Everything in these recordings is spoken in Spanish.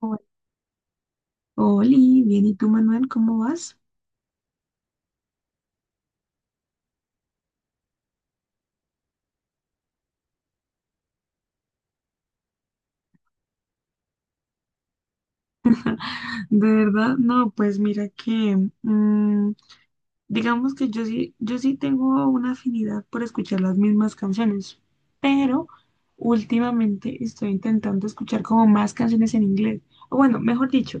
Hol- Oli, bien, ¿y tú, Manuel, cómo vas? De verdad, no, pues mira que, mm, digamos que yo sí tengo una afinidad por escuchar las mismas canciones, pero últimamente estoy intentando escuchar como más canciones en inglés. O bueno, mejor dicho,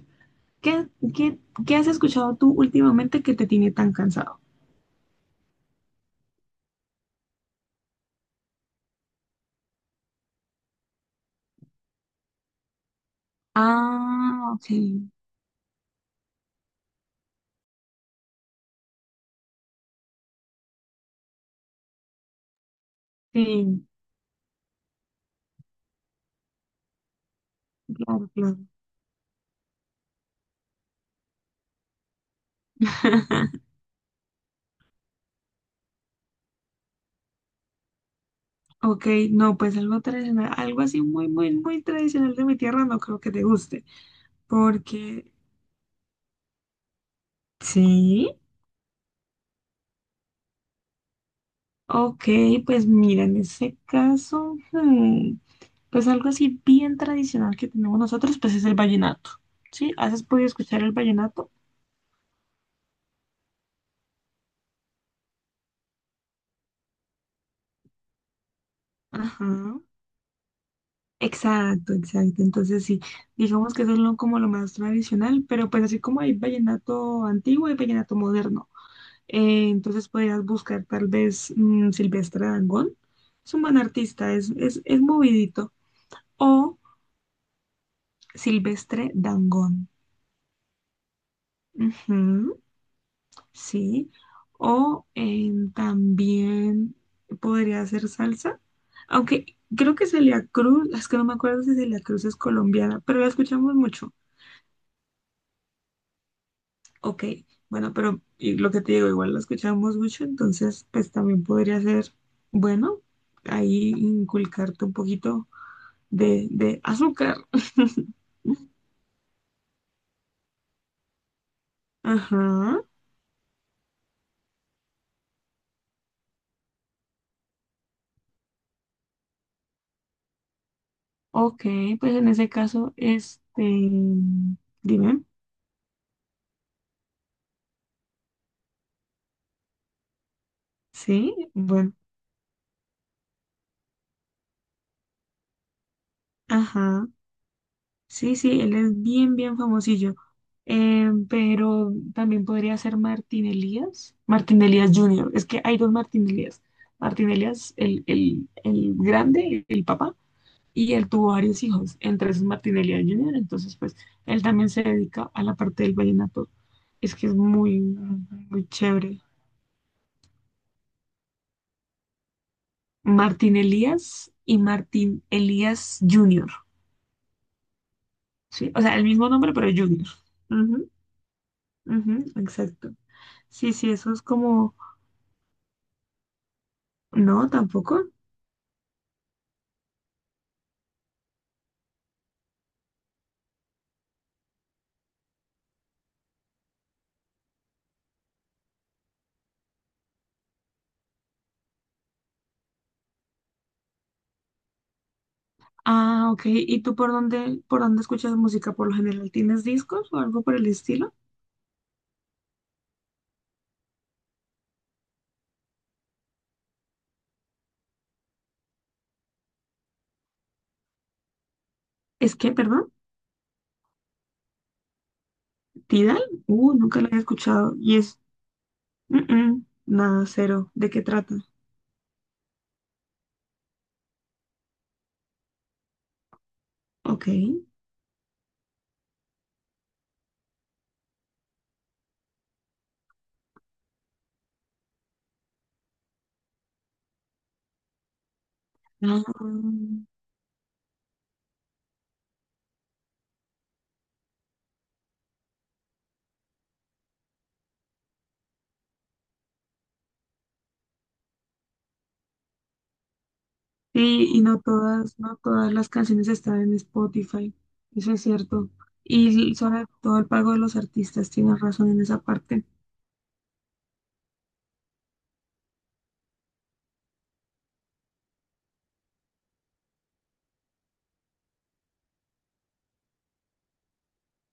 ¿qué, qué, qué has escuchado tú últimamente que te tiene tan cansado? Ah, ok, sí, claro, claro. Ok, no, pues algo tradicional, algo así muy, muy, muy tradicional de mi tierra, no creo que te guste, porque sí, ok, pues mira, en ese caso, pues algo así bien tradicional que tenemos nosotros, pues es el vallenato, ¿sí? ¿Has podido escuchar el vallenato? Ajá. Exacto, exacto. Entonces sí, digamos que eso es lo, como lo más tradicional, pero pues así como hay vallenato antiguo, y vallenato moderno. Entonces podrías buscar tal vez Silvestre Dangond. Es un buen artista, es movidito. O Silvestre Dangond. Ujú, sí. O también podría hacer salsa. Aunque creo que Celia Cruz, es que no me acuerdo si Celia Cruz es colombiana, pero la escuchamos mucho. Ok, bueno, pero y lo que te digo, igual la escuchamos mucho, entonces pues también podría ser, bueno, ahí inculcarte un poquito de azúcar. Ajá. Ok, pues en ese caso, este, dime, sí, bueno, ajá, sí, sí, él es bien, bien famosillo. Pero también podría ser Martín Elías, Martín Elías Junior, es que hay dos Martín Elías, Martín Elías, el grande, el papá, y él tuvo varios hijos, entre esos Martinelli Junior. Entonces, pues, él también se dedica a la parte del vallenato. Es que es muy, muy chévere. Martín Elías y Martín Elías Junior. Sí, o sea, el mismo nombre, pero Junior. Ujú, ujú, exacto. Sí, sí, eso es como, no, tampoco. Ah, ok. ¿Y tú por dónde escuchas música? Por lo general, ¿tienes discos o algo por el estilo? Es que, perdón, Tidal, nunca lo he escuchado. ¿Y es nada cero? ¿De qué trata? Ok. Ah, sí, y no todas las canciones están en Spotify. Eso es cierto. Y sobre todo el pago de los artistas, tienes razón en esa parte.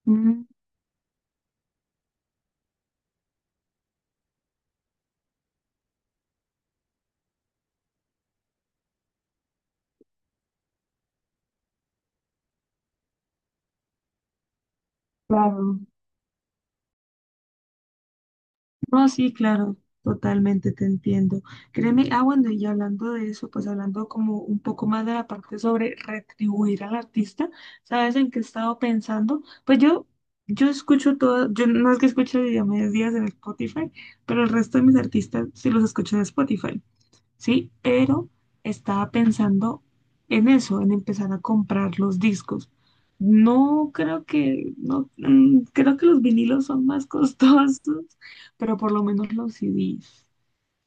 Mm, claro. No, sí, claro, totalmente te entiendo. Créeme, ah, bueno, y hablando de eso, pues hablando como un poco más de la parte sobre retribuir al artista, ¿sabes en qué he estado pensando? Pues yo escucho todo, yo no es que escuche a medias en Spotify, pero el resto de mis artistas sí los escucho en Spotify. ¿Sí? Pero estaba pensando en eso, en empezar a comprar los discos. No creo que, no, creo que los vinilos son más costosos, pero por lo menos los CDs.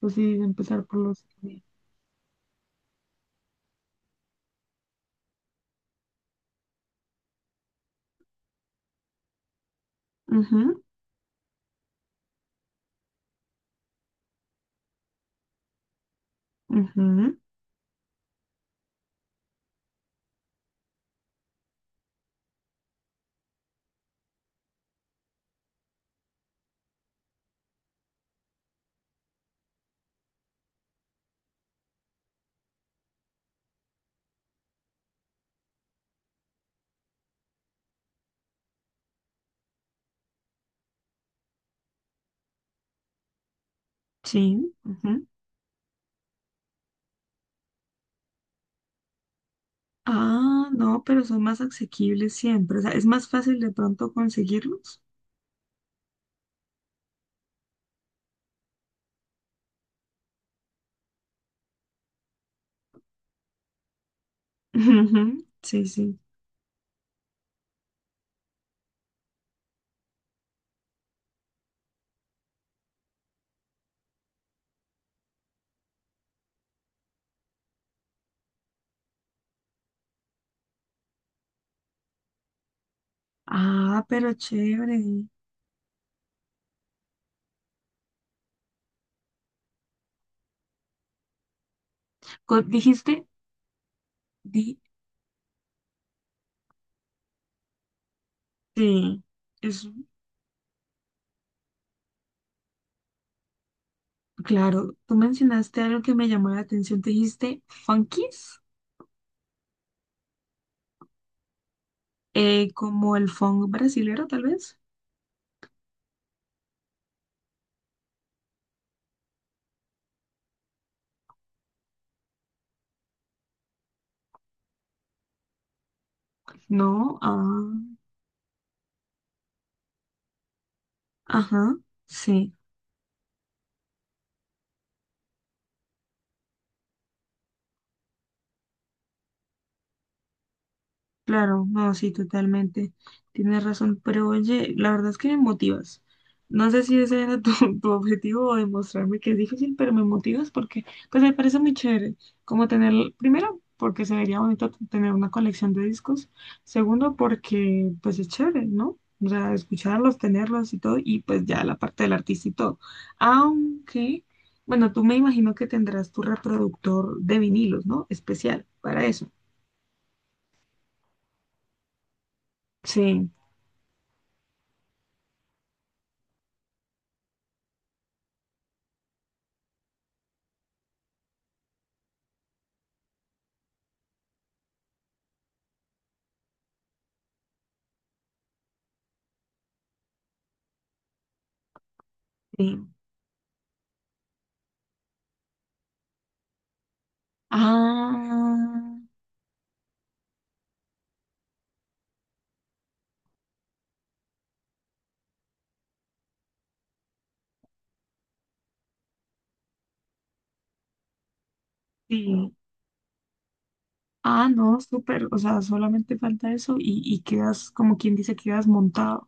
Los CDs, empezar por los CDs. Ujú, ujú, sí, ujú. Ah, no, pero son más asequibles siempre. O sea, es más fácil de pronto conseguirlos. Ujú, sí, sí. Ah, pero chévere. Co- Dijiste, di, sí, es. Claro, tú mencionaste algo que me llamó la atención, te dijiste funkies, como el funk brasilero tal vez. No, ah, ajá, sí. Claro, no, sí, totalmente. Tienes razón, pero oye, la verdad es que me motivas. No sé si ese era tu, tu objetivo o demostrarme que es difícil, pero me motivas porque, pues me parece muy chévere, como tener, primero, porque se vería bonito tener una colección de discos, segundo, porque, pues es chévere, ¿no? O sea, escucharlos, tenerlos y todo, y pues ya la parte del artista y todo. Aunque, bueno, tú me imagino que tendrás tu reproductor de vinilos, ¿no? Especial para eso. Sí, sí. Ah, sí. Ah, no, súper. O sea, solamente falta eso y quedas, como quien dice, quedas montado.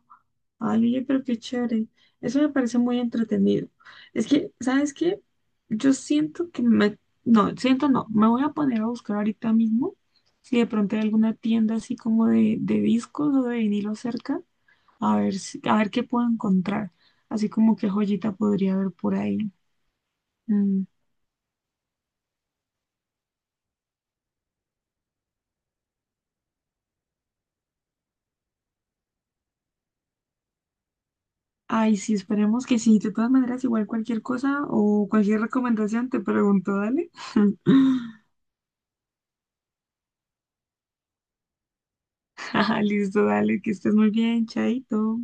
Ay, oye, pero qué chévere. Eso me parece muy entretenido. Es que, ¿sabes qué? Yo siento que me... No, siento no. Me voy a poner a buscar ahorita mismo si de pronto hay alguna tienda así como de discos o de vinilo cerca. A ver si, a ver qué puedo encontrar. Así como qué joyita podría haber por ahí. Mm. Ay, sí, esperemos que sí. De todas maneras, igual cualquier cosa o cualquier recomendación te pregunto, dale. Listo, dale, que estés muy bien, chaito.